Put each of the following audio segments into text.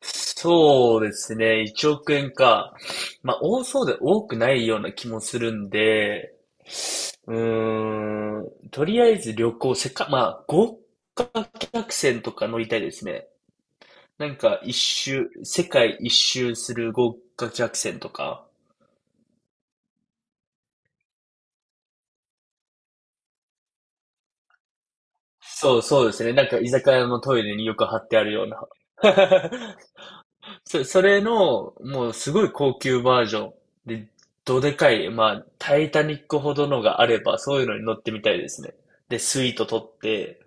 そうですね。1億円か。まあ、多そうで多くないような気もするんで、とりあえず旅行、せっか、まあ、豪華客船とか乗りたいですね。なんか世界一周する豪華客船とか。そうそうですね。なんか居酒屋のトイレによく貼ってあるような。それの、もうすごい高級バージョンで、どでかい、まあ、タイタニックほどのがあれば、そういうのに乗ってみたいですね。で、スイート取って、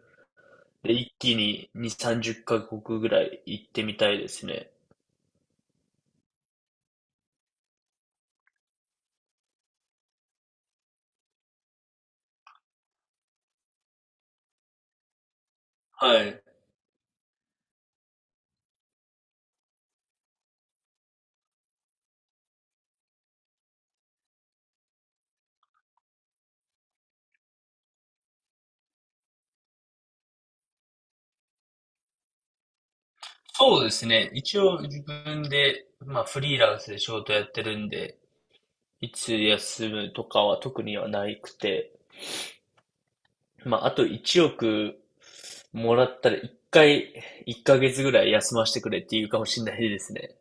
で、一気に2、30カ国ぐらい行ってみたいですね。はい。そうですね。一応自分で、まあ、フリーランスで仕事やってるんで、いつ休むとかは特にはないくて、まあ、あと1億もらったら1回、1ヶ月ぐらい休ませてくれっていうかもしれないですね。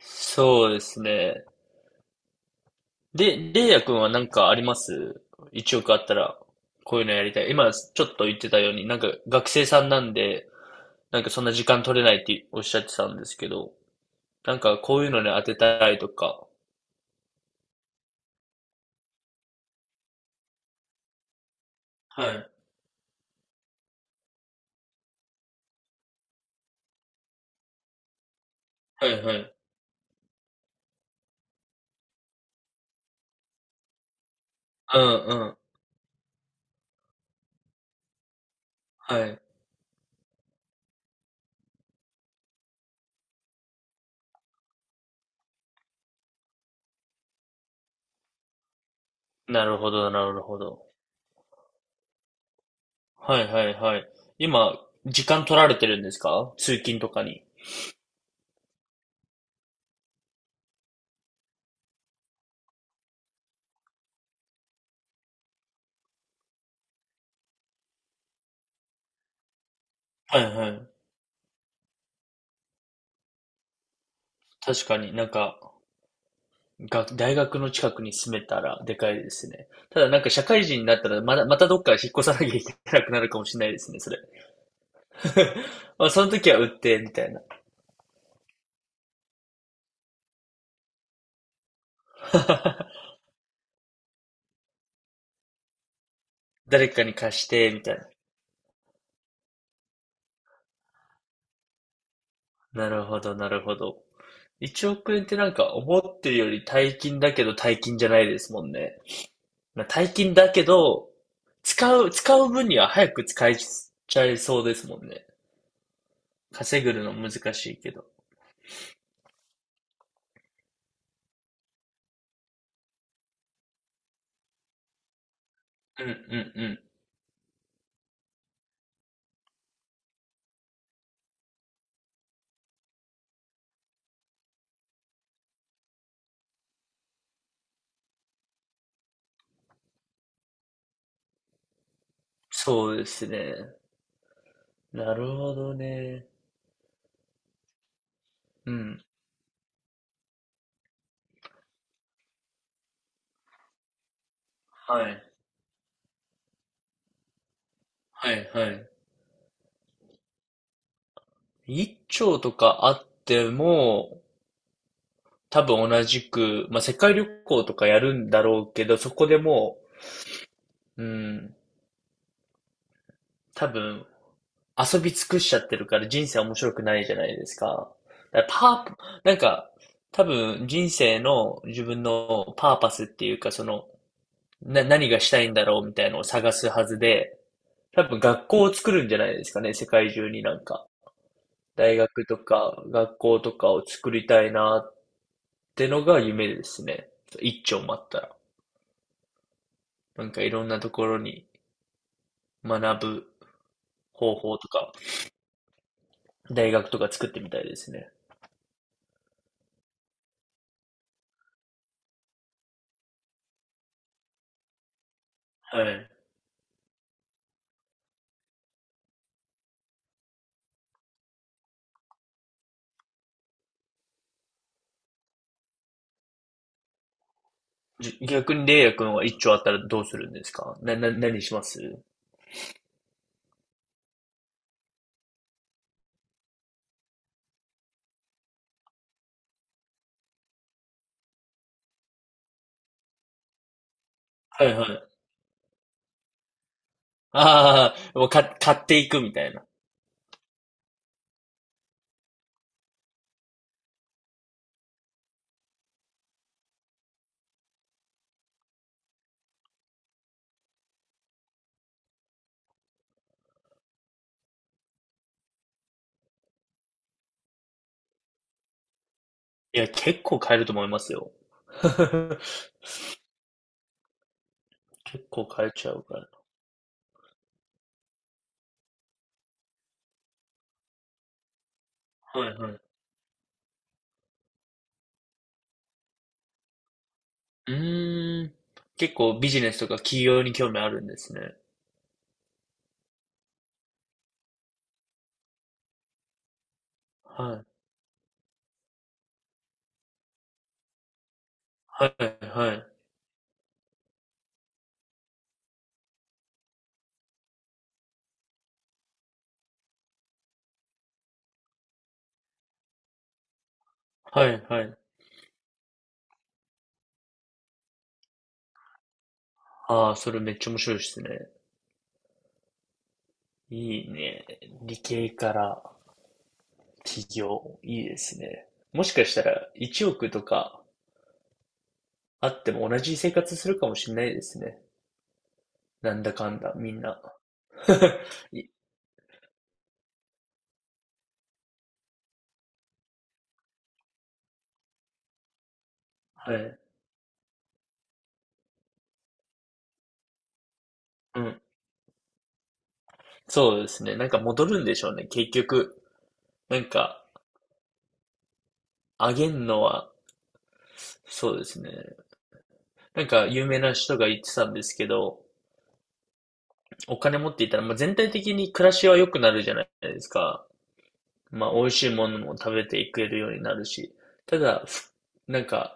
そうですね。で、レイヤ君は何かあります？ 1 億あったら、こういうのやりたい。今、ちょっと言ってたように、なんか学生さんなんで、なんかそんな時間取れないっておっしゃってたんですけど、なんかこういうのに当てたいとか。はい、はい、はい。うんうん。はい。なるほど、なるほど。はい、はい、はい。今、時間取られてるんですか？通勤とかに。はい、はい。確かになんか、大学の近くに住めたらでかいですね。ただなんか社会人になったらまたどっか引っ越さなきゃいけなくなるかもしれないですね、それ。まあ、その時は売って、みたいな。誰かに貸して、みたいな。なるほど、なるほど。1億円ってなんか思ってるより大金だけど大金じゃないですもんね。まあ、大金だけど、使う分には早く使いちゃいそうですもんね。稼ぐの難しいけど。うんうんうん。そうですね。なるほどね。うん。はい。はい、はい。一丁とかあっても、多分同じく、まあ、世界旅行とかやるんだろうけど、そこでもう、うん、多分遊び尽くしちゃってるから人生面白くないじゃないですか。だからなんか、多分人生の自分のパーパスっていうか、その、何がしたいんだろうみたいのを探すはずで、多分学校を作るんじゃないですかね、世界中になんか。大学とか学校とかを作りたいなってのが夢ですね。一丁待ったら。なんかいろんなところに学ぶ方法とか、大学とか作ってみたいですね。はい。逆にレイヤ君は一丁あったらどうするんですか？何します？はいはい。ああ、もう買っていくみたいな。いや、結構買えると思いますよ。結構買えちゃうから。はいはい。うーん。結構ビジネスとか企業に興味あるんですね。はい。はいはい。はいはい。ああ、それめっちゃ面白いですね。いいね。理系から起業。いいですね。もしかしたら1億とかあっても同じ生活するかもしれないですね。なんだかんだ、みんな。いはい。うん。そうですね。なんか戻るんでしょうね。結局。なんか、あげんのは、そうですね。なんか有名な人が言ってたんですけど、お金持っていたら、まあ、全体的に暮らしは良くなるじゃないですか。まあ、美味しいものも食べていけるようになるし、ただ、なんか、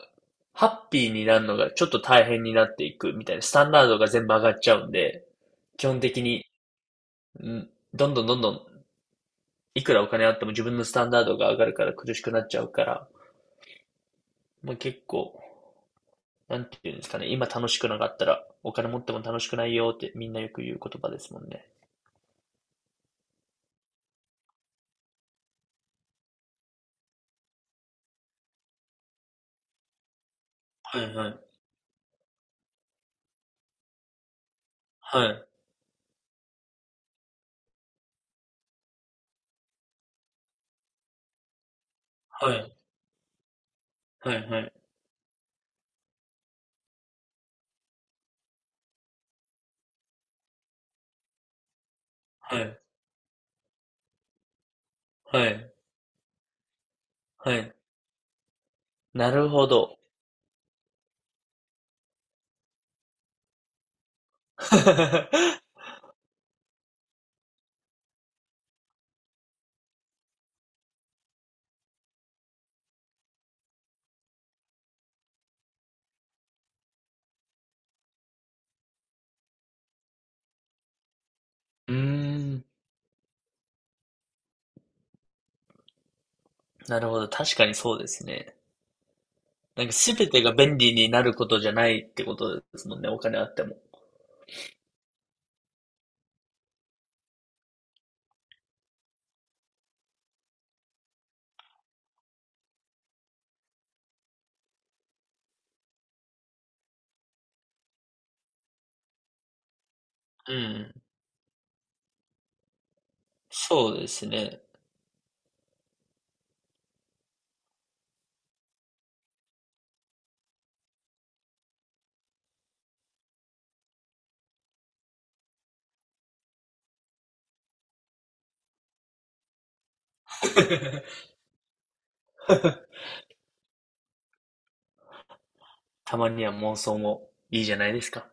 ハッピーになるのがちょっと大変になっていくみたいな、スタンダードが全部上がっちゃうんで、基本的に、んどんどんどんどん、いくらお金あっても自分のスタンダードが上がるから苦しくなっちゃうから、まあ、結構、なんていうんですかね、今楽しくなかったら、お金持っても楽しくないよってみんなよく言う言葉ですもんね。はいはい。はい。はい。はい。はい。はい。はい。はい。なるほど。うーん。なるほど。確かにそうですね。なんか全てが便利になることじゃないってことですもんね。お金あっても。うん。そうですね。たまには妄想もいいじゃないですか。